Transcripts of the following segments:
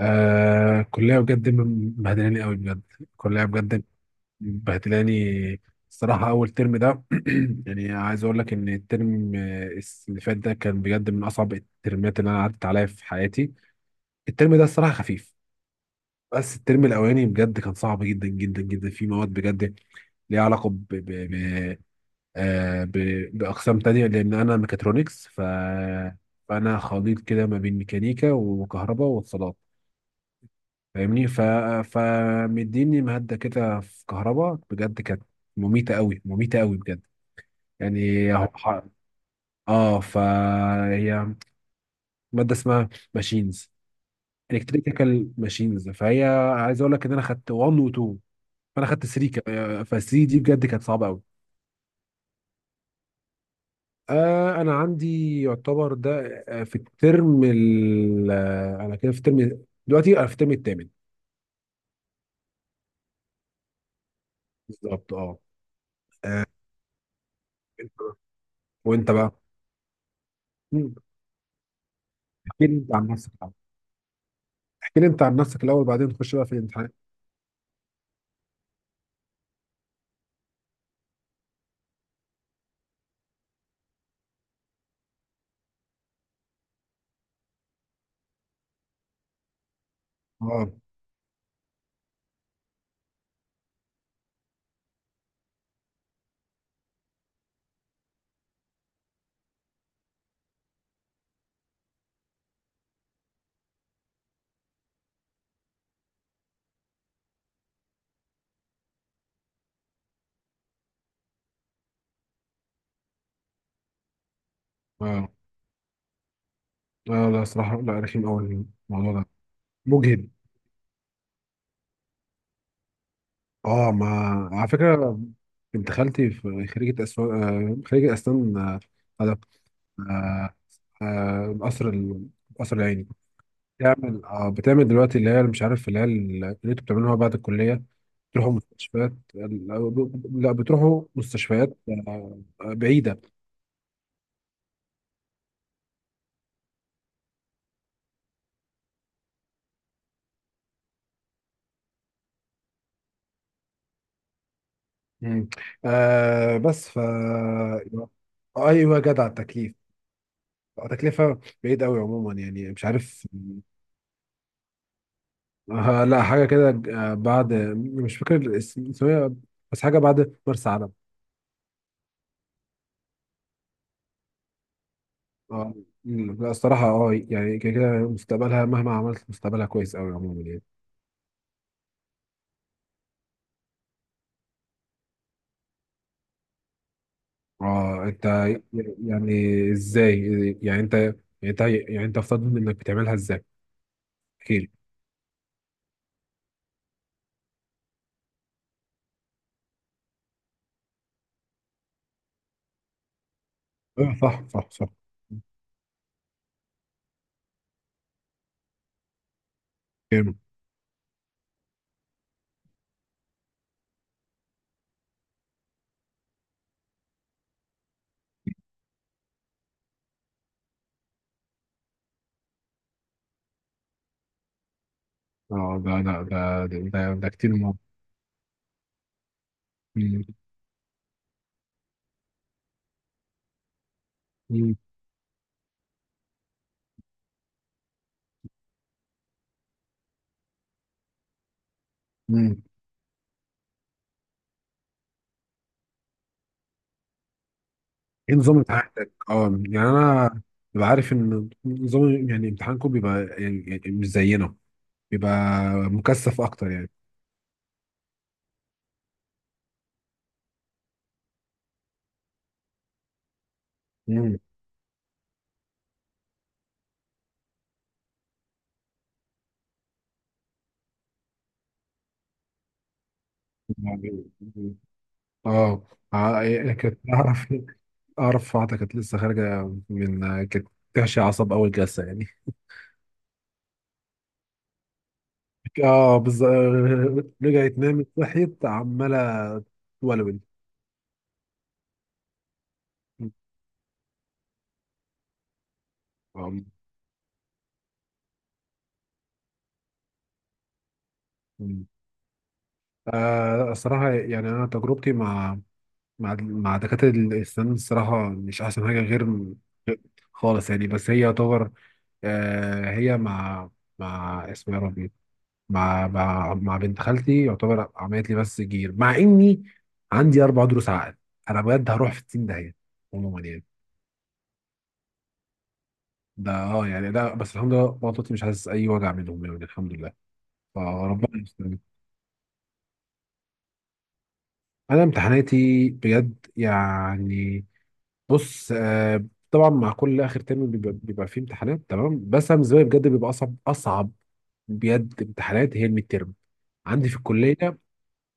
كلية بجد مبهدلاني قوي بجد. كلية بجد مبهدلاني. الصراحة أول ترم ده، يعني عايز أقول لك إن الترم اللي فات ده كان بجد من أصعب الترمات اللي أنا عدت عليها في حياتي. الترم ده الصراحة خفيف، بس الترم الأولاني بجد كان صعب جدا جدا جدا في مواد بجد ليها علاقة آه ب... بأقسام تانية، لأن أنا ميكاترونكس، فأنا خليط كده ما بين ميكانيكا وكهرباء واتصالات. فاهمني؟ فمديني مهدة كده في كهرباء، بجد كانت مميتة قوي، مميتة قوي بجد. يعني هو معاك ح- اه فهي مادة اسمها ماشينز، الكتريكال ماشينز، فهي، عايز اقول لك ان انا خدت 1 و 2، فانا خدت 3 كمان، ف 3 دي بجد كانت صعبة قوي. انا عندي يعتبر ده، في الترم ال آه، انا كده في الترم، دلوقتي انا في الترم الثامن. بالظبط. اه آه، وانت بقى؟ مم. احكي لي انت عن نفسك احكي لي انت عن نفسك الاول، بعدين نخش بقى في الامتحان. اه اه اه لا، صراحه لا، رخيم قوي الموضوع ده، مجهد. اه ما على فكره، بنت خالتي في خريجه اسنان، آه خريجه اسنان آه هذا آه آه قصر قصر العيني. بتعمل دلوقتي اللي هي، مش عارف، اللي هي، اللي انتوا بتعملوها بعد الكليه. بتروحوا مستشفيات؟ لا، لا، بتروحوا مستشفيات. بعيده. مم. بس، ايوه، أيوة، جدع التكليف. تكلفة بعيد قوي عموما، يعني مش عارف. لا، حاجة كده. بعد، مش فاكر اسمها، بس حاجة بعد مرسى علم. اه لا، الصراحة يعني كده كده، مستقبلها مهما عملت مستقبلها كويس قوي عموما يعني. اه انت، يعني ازاي؟ يعني انت يعني يعني انت افترض انك بتعملها ازاي؟ احكي لي. اه صح، صح، صح. كامل. اه ده ده ده كتير مهم. مم. مم. مم. ايه نظام امتحاناتك؟ اه يعني انا ببقى عارف ان نظام، يعني امتحانكم بيبقى، يعني مش زينا، بيبقى مكثف اكتر يعني. امم اه يعني كنت اعرف، اعرف واحده كانت لسه خارجه من، كانت تعشي عصب اول جلسه يعني. اه بالظبط، رجعت نامت صحيت عماله تولول. آه، مم. الصراحة يعني أنا تجربتي مع دكاترة الأسنان، الصراحة مش أحسن حاجة غير خالص يعني، بس هي يعتبر، هي مع، اسمه يا ربي، مع بنت خالتي يعتبر عملت لي بس جير، مع إني عندي أربع ضروس عقل. أنا بجد هروح في 60 داهية عموما يعني. ده يعني، لا بس الحمد لله بطني مش حاسس أي وجع منهم يعني، الحمد لله. فربنا يستر. أنا امتحاناتي بجد يعني، بص، طبعا مع كل اخر ترم بيبقى فيه امتحانات تمام، بس انا بالنسبه لي بجد بيبقى اصعب، اصعب بجد امتحانات هي الميد ترم، عندي في الكليه.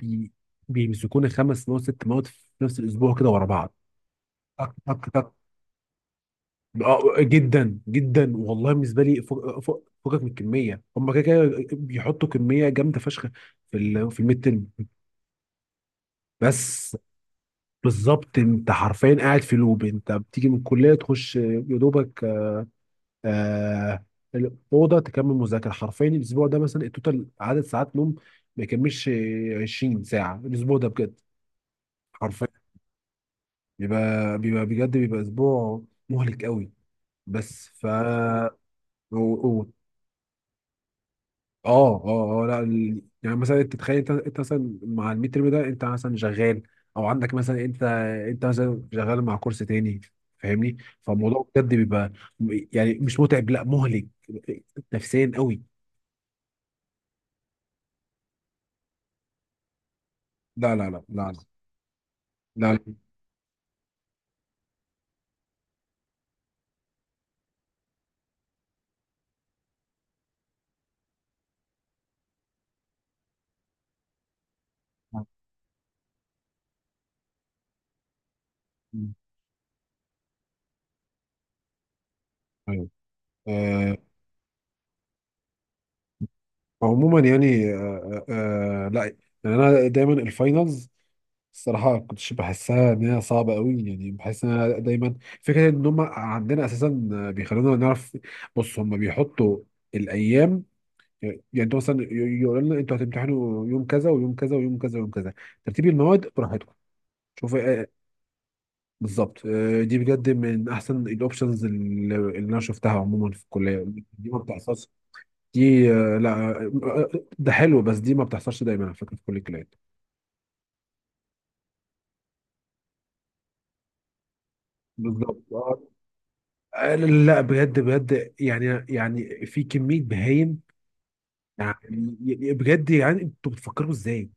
بي بيمسكوني خمس مواد ست مواد في نفس الاسبوع كده ورا بعض. تك تك تك. جدا جدا والله، بالنسبه لي فوق فوق فوقك من الكميه. هم كده كده بيحطوا كميه جامده فشخ في الميد ترم بس. بالظبط، انت حرفيا قاعد في لوب، انت بتيجي من الكليه تخش يا دوبك آه الاوضه تكمل مذاكره. حرفيا الاسبوع ده مثلا التوتال عدد ساعات نوم ما يكملش 20 ساعه الاسبوع ده بجد. حرفيا بيبقى بيبقى بجد بيبقى اسبوع مهلك قوي. بس، ف و- و- اه اه اه لا ال- يعني مثلا انت تتخيل، انت مثلا مع الميد ترم ده، انت مثلا شغال، او عندك مثلا انت مثلا شغال مع كورس تاني. فاهمني؟ فالموضوع بجد بيبقى يعني مش متعب، لا مهلك نفسيا قوي. لا لا لا لا لا لا. ايوه. آه، عموما يعني، لا، يعني انا دايما الفاينلز الصراحه كنتش بحسها ان هي صعبه قوي، يعني بحس ان انا دايما، فكره ان هم عندنا اساسا بيخلونا نعرف. بص، هم بيحطوا الايام، يعني انتوا مثلا، يقولوا لنا انتوا هتمتحنوا يوم كذا ويوم كذا ويوم كذا ويوم كذا، ترتيب المواد براحتكم. شوف. بالظبط، دي بجد من احسن الاوبشنز اللي انا شفتها عموما في الكليه، دي ما بتحصلش. دي، لا، آه، ده حلو، بس دي ما بتحصلش دايما على فكره في كل الكليات. بالظبط. لا بجد بجد يعني، في كميه بهايم يعني. بجد يعني انتوا بتفكروا ازاي؟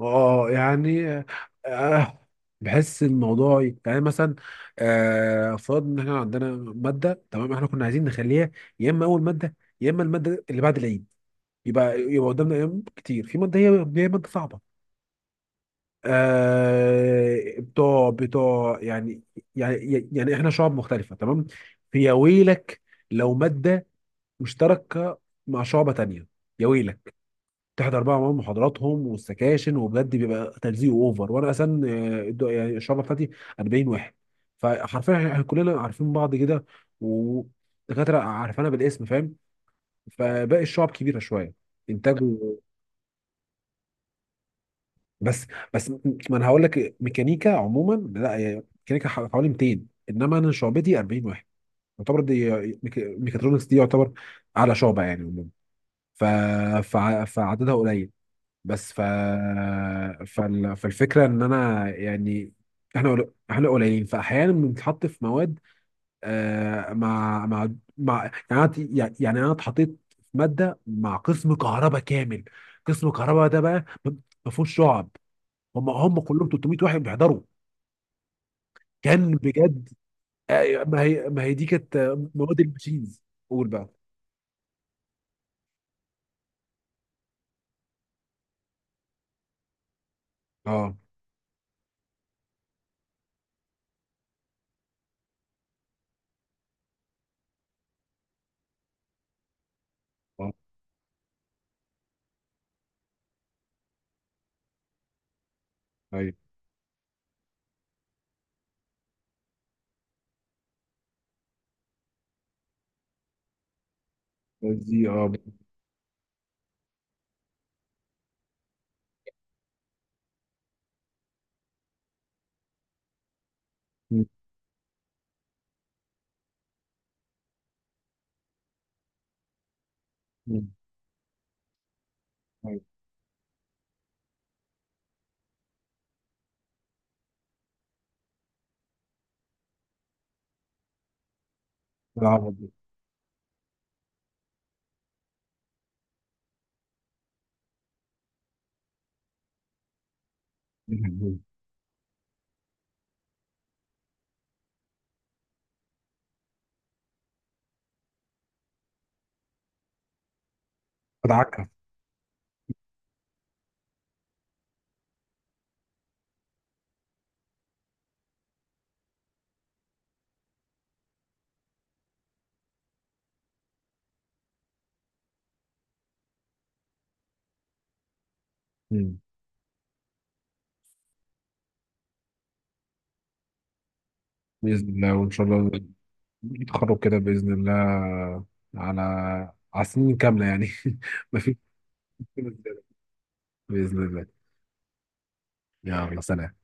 اه يعني آه بحس الموضوع يعني مثلا، فرض ان احنا عندنا ماده تمام، احنا كنا عايزين نخليها يا اما اول ماده، يا اما الماده اللي بعد العيد، يبقى قدامنا ايام كتير في ماده هي ماده صعبه. بتوع يعني، يعني احنا شعب مختلفة تمام، فيا ويلك لو مادة مشتركة مع شعبة تانية، يا ويلك، تحضر بقى معاهم محاضراتهم والسكاشن، وبجد بيبقى تلزيق اوفر. وانا اصلا، يعني الشعبة بتاعتي 40 واحد، فحرفيا احنا كلنا عارفين بعض كده ودكاترة عارفانا بالاسم. فاهم؟ فباقي الشعب كبيرة شوية. انتاجه، بس بس، ما انا هقول لك، ميكانيكا عموما، لا هي ميكانيكا حوالي 200، انما انا شعبتي 40 واحد يعتبر. دي ميكاترونكس دي يعتبر اعلى شعبه يعني عموما. ف فعددها قليل، بس ف فالفكره ان انا يعني، احنا، احنا قليلين، فاحيانا بنتحط في مواد آه مع مع مع، يعني انا، انا اتحطيت في ماده مع قسم كهرباء كامل. قسم كهرباء ده بقى، ما فيهوش شعب، هم كلهم 300 واحد بيحضروا. كان بجد، ما هي دي كانت مواد الماشينز. قول بقى. اه اه ايوه، بس دي مم، مم، أيوة. العبط دي. مم. ادعكها. مم. باذن الله، وان شاء الله يتخرج كده باذن الله، على على سنين كامله يعني. ما فيش مشكلة زيادة. باذن الله. يلا، سلام.